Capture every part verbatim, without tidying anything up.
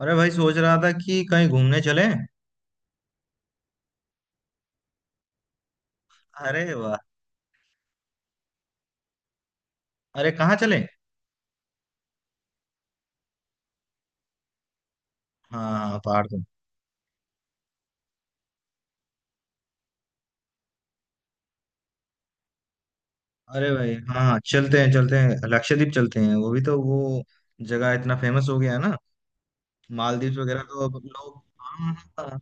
अरे भाई सोच रहा था कि कहीं घूमने चले। अरे वाह। अरे कहाँ चले? हाँ हाँ, पहाड़ तो। अरे भाई हाँ हाँ, चलते हैं चलते हैं, लक्षद्वीप चलते हैं। वो भी तो वो जगह इतना फेमस हो गया है ना। मालदीव्स वगैरह तो अब लोग। हाँ हाँ हाँ।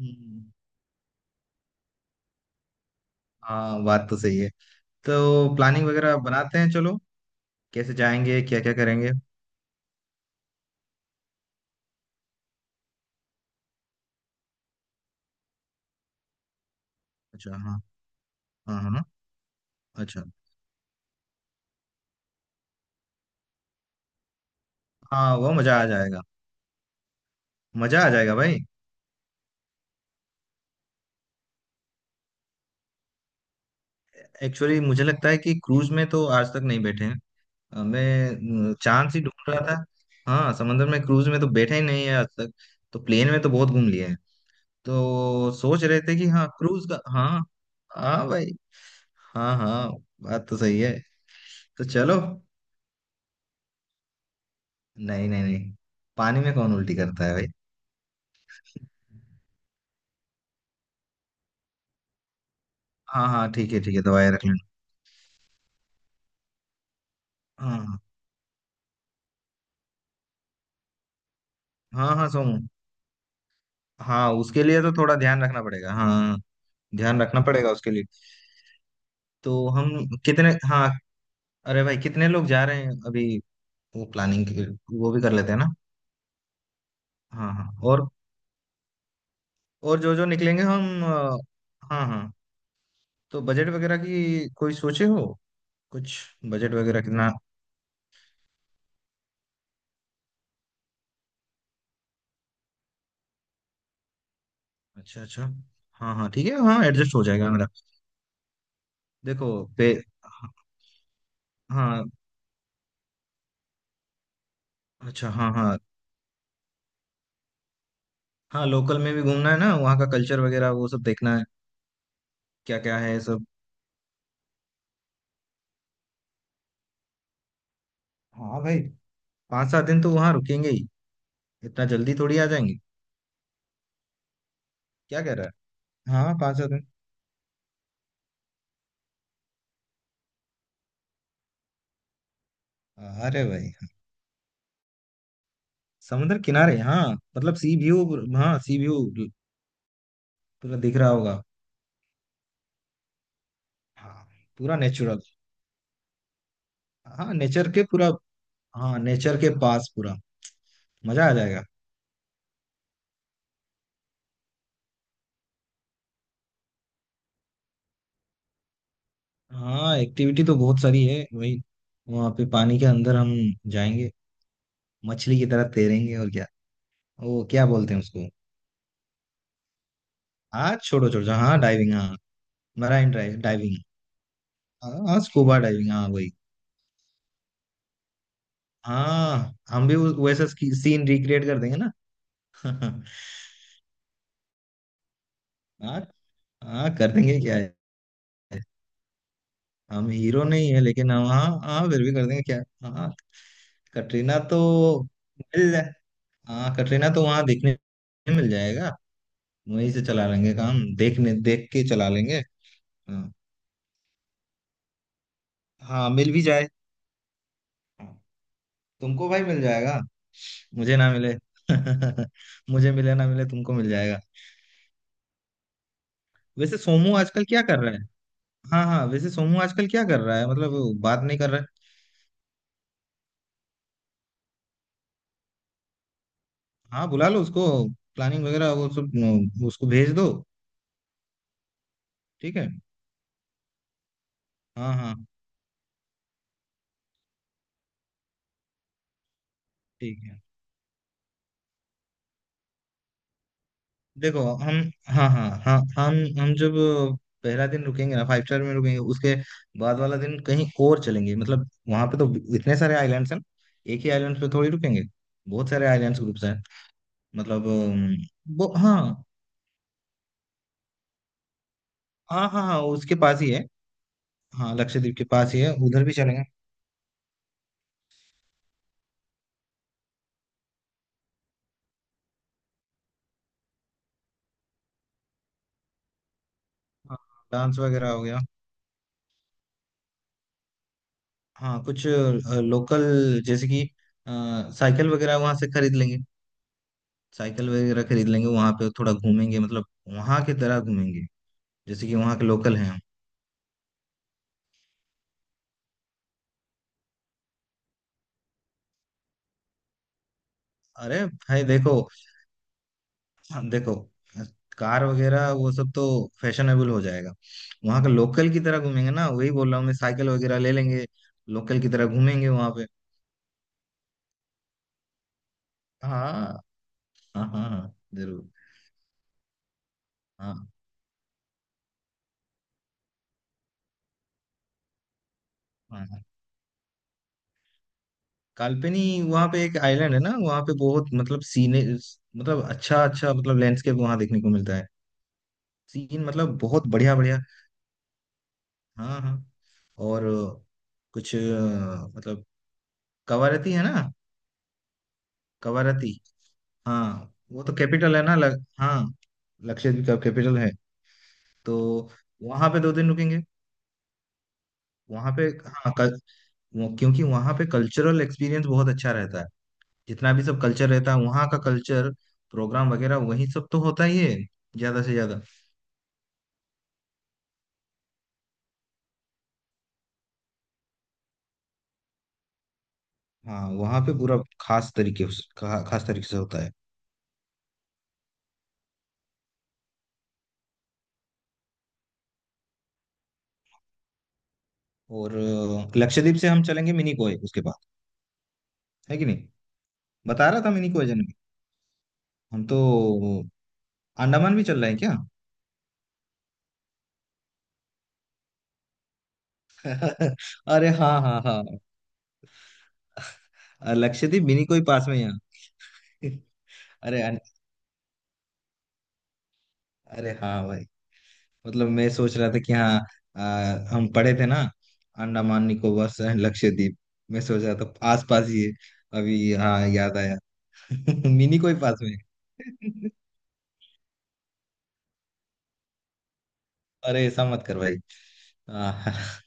हम्म, हाँ, बात तो सही है। तो प्लानिंग वगैरह बनाते हैं चलो। कैसे जाएंगे? क्या क्या करेंगे? अच्छा, हाँ। हाँ हाँ। अच्छा। हाँ, वो मजा आ जाएगा। मजा आ जाएगा भाई। एक्चुअली मुझे लगता है कि क्रूज में तो आज तक नहीं बैठे हैं। अ, मैं अ, चांद ही ढूंढ रहा था। हाँ, समंदर में क्रूज में तो बैठा ही नहीं है आज तक। तो प्लेन में तो बहुत घूम लिए हैं। तो सोच रहे थे कि हाँ, क्रूज का। हाँ। हाँ भाई। हाँ हाँ। बात तो सही है। तो चलो। नहीं नहीं नहीं। पानी में कौन उल्टी करता है भाई? हाँ हाँ, ठीक है ठीक है, दवाई रख लेना। हाँ हाँ। हाँ हाँ, सोमू। हाँ, उसके लिए तो थोड़ा ध्यान रखना पड़ेगा। हाँ हाँ, ध्यान रखना पड़ेगा उसके लिए। तो हम। कितने। हाँ। अरे भाई कितने लोग जा रहे हैं अभी? वो प्लानिंग। वो भी कर लेते हैं ना। हाँ हाँ हाँ। और। और जो जो निकलेंगे हम अ, हाँ हाँ। तो बजट वगैरह की कोई सोचे हो? कुछ? बजट वगैरह कितना? अच्छा अच्छा। हाँ हाँ, ठीक है, हाँ, एडजस्ट हो जाएगा मेरा। देखो। पे। हाँ। अच्छा हाँ। हाँ हाँ, लोकल में भी घूमना है ना, वहाँ का कल्चर वगैरह वो सब देखना है। क्या क्या है सब? हाँ भाई। पाँच सात दिन तो वहाँ रुकेंगे ही। इतना जल्दी थोड़ी आ जाएंगे। क्या कह रहा है? हाँ, पाँच सात दिन। अरे भाई। समुद्र किनारे, हाँ। मतलब सी व्यू। हाँ, सी व्यू। पूरा दिख रहा होगा। हाँ। पूरा नेचुरल। हाँ, नेचर के पूरा। हाँ, नेचर के पास पूरा। मजा आ जाएगा। हाँ, एक्टिविटी तो बहुत सारी है वही। वहाँ पे पानी के अंदर हम। जाएंगे। मछली की तरह तैरेंगे, और क्या। वो क्या बोलते हैं उसको? हाँ, छोड़ो छोड़ो। हाँ, डाइविंग, हाँ। Marine drive diving. हाँ हाँ, स्कूबा डाइविंग, हाँ वही। हाँ, हम भी उस- वैसा सीन रिक्रिएट कर देंगे ना। हाँ। हाँ, कर देंगे क्या है। हम हीरो नहीं है लेकिन हम, हाँ हाँ, फिर भी कर देंगे क्या। हाँ। कटरीना तो। मिल जाए। हाँ, कटरीना तो वहां देखने। मिल जाएगा। वहीं से चला लेंगे काम, देखने देख के चला लेंगे। हाँ। हाँ, मिल भी जाए। हाँ, तुमको भाई मिल जाएगा। मुझे ना मिले मुझे मिले ना मिले, तुमको मिल जाएगा। वैसे सोमू आजकल क्या कर रहा है? हाँ हाँ, वैसे सोमू आजकल क्या कर रहा है? मतलब वो बात नहीं कर रहा है। हाँ, बुला लो उसको। प्लानिंग वगैरह वो सब न, उसको भेज दो। ठीक है। हाँ हाँ। ठीक है। देखो हम। हाँ हाँ हाँ, हम हम जब पहला दिन रुकेंगे ना, फाइव स्टार में रुकेंगे, उसके बाद वाला दिन कहीं और चलेंगे। मतलब वहां पे तो इतने सारे आइलैंड्स हैं, एक ही आइलैंड पे थोड़ी रुकेंगे। बहुत सारे आइलैंड्स ग्रुप्स हैं। मतलब अम, वो, हाँ। हाँ हाँ हाँ, उसके पास ही है। हाँ, लक्षद्वीप के पास ही है, उधर भी चलेंगे। हाँ, डांस वगैरह हो गया। हाँ, कुछ लोकल जैसे कि अ, साइकिल वगैरह वहां से खरीद लेंगे। साइकिल वगैरह खरीद लेंगे, वहां पे थोड़ा घूमेंगे, मतलब वहां की तरह घूमेंगे, जैसे कि वहाँ के लोकल हैं। अरे भाई देखो। देखो, कार वगैरह वो सब तो फैशनेबल हो जाएगा। वहाँ का लोकल की तरह घूमेंगे ना, वही बोल रहा हूँ मैं, साइकिल वगैरह ले लेंगे। लोकल की तरह घूमेंगे वहाँ पे। हाँ हाँ हाँ। हाँ, जरूर। हाँ हाँ हाँ। काल्पनी। वहाँ पे एक आइलैंड है ना, वहाँ पे बहुत मतलब सीने। मतलब, अच्छा अच्छा, मतलब लैंडस्केप वहाँ देखने को मिलता है। सीन मतलब बहुत बढ़िया बढ़िया। हाँ हाँ। और अ, कुछ अ, मतलब, कवारती है ना। कवारती। हाँ, वो तो कैपिटल है ना? लग, हाँ। लक्षद्वीप का कैपिटल है। तो वहां पे दो दिन रुकेंगे। वहां पे। हाँ, कल, वो, क्योंकि वहां पे कल्चरल एक्सपीरियंस बहुत अच्छा रहता है। जितना भी सब कल्चर रहता है वहाँ का कल्चर, प्रोग्राम वगैरह वही सब तो होता ही है ज्यादा से ज्यादा। हाँ, वहाँ पे पूरा खास तरीके उस- खा, खास तरीके से होता है। और अ, लक्षद्वीप से हम चलेंगे मिनीकोय उसके बाद, है कि नहीं? बता रहा था मिनीकोय जाने की। हम तो अंडमान भी चल रहे हैं क्या? अरे हाँ हाँ हाँ। अ, लक्षद्वीप मिनी कोई पास में ही है। अरे अन- अरे हाँ भाई, मतलब मैं सोच रहा था कि हाँ, अ, हम पढ़े थे ना, अंडमान निकोबार से लक्षद्वीप। मैं सोच रहा था आस पास ही है। अभी हाँ, याद आया। मिनी कोई पास में है। अरे ऐसा मत कर भाई। हाँ।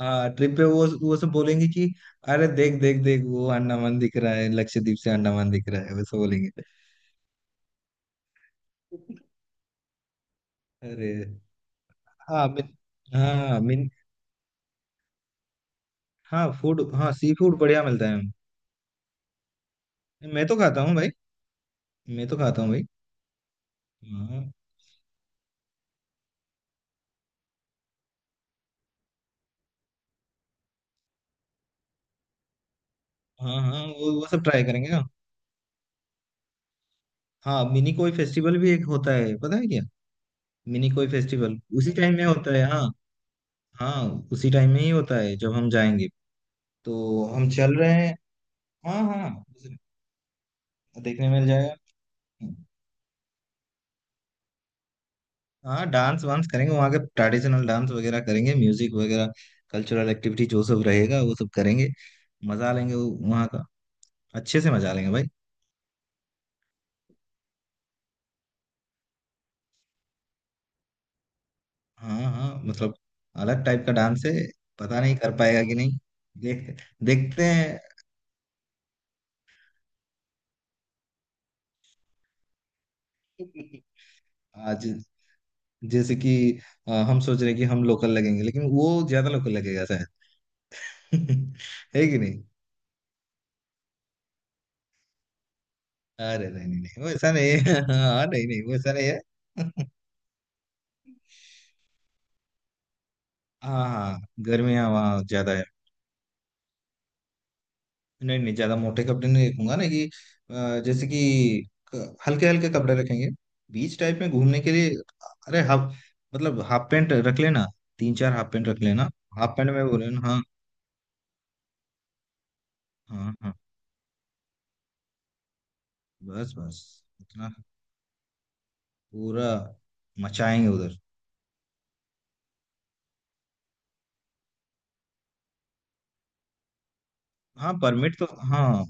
हाँ, ट्रिप पे वो वो सब बोलेंगे कि अरे देख देख देख, वो अंडमान दिख रहा है, लक्षद्वीप से अंडमान दिख रहा है, वैसे बोलेंगे। अरे हाँ, मिन हाँ, मिन हाँ, फूड। हाँ, सी फूड बढ़िया मिलता है। मैं तो खाता हूँ भाई। मैं तो खाता हूँ भाई। हाँ हाँ हाँ, वो वो सब ट्राई करेंगे ना। हाँ, मिनी कोई फेस्टिवल भी एक होता है, पता है क्या? मिनी कोई फेस्टिवल उसी टाइम में होता है, हाँ। हाँ। उसी टाइम में ही होता है जब हम जाएंगे। तो हम चल रहे हैं। हाँ हाँ। देखने मिल जाएगा। हाँ, डांस वांस करेंगे, वहाँ के ट्रेडिशनल डांस वगैरह करेंगे, म्यूजिक वगैरह। कल्चरल एक्टिविटी जो सब रहेगा वो सब करेंगे। मजा लेंगे वो- वहाँ का। अच्छे से मजा लेंगे भाई। हाँ हाँ, मतलब अलग टाइप का डांस है। पता नहीं कर पाएगा कि नहीं। देख। देखते हैं। आज। जैसे कि अ, हम सोच रहे हैं कि हम लोकल लगेंगे, लेकिन वो ज्यादा लोकल लगेगा शायद। है कि नहीं? अरे नहीं नहीं नहीं, वैसा नहीं है। हाँ, नहीं नहीं, वैसा नहीं है। हाँ हाँ, गर्मियाँ वहाँ ज्यादा है। नहीं नहीं, ज्यादा मोटे कपड़े नहीं रखूंगा ना कि अ, जैसे कि हल्के हल्के कपड़े रखेंगे, बीच टाइप में घूमने के लिए। अरे हाफ, मतलब हाफ पैंट रख लेना। तीन चार हाफ पैंट रख लेना। हाफ पैंट में बोले ना, हाँ। हाँ हाँ। बस बस। इतना पूरा मचाएंगे उधर। हाँ, परमिट तो, हाँ।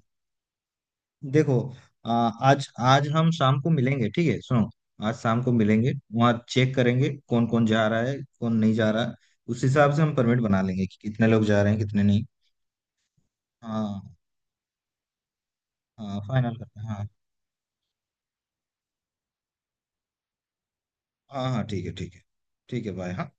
देखो, अ, आज आज हम शाम को मिलेंगे, ठीक है, सुनो। आज शाम को मिलेंगे, वहाँ चेक करेंगे कौन कौन जा रहा है, कौन नहीं जा रहा है। उस हिसाब से हम परमिट बना लेंगे कि कितने लोग जा रहे हैं, कितने नहीं। हाँ हाँ, फाइनल करते हैं, हाँ। हाँ हाँ, ठीक है ठीक है। ठीक है, बाय। हाँ।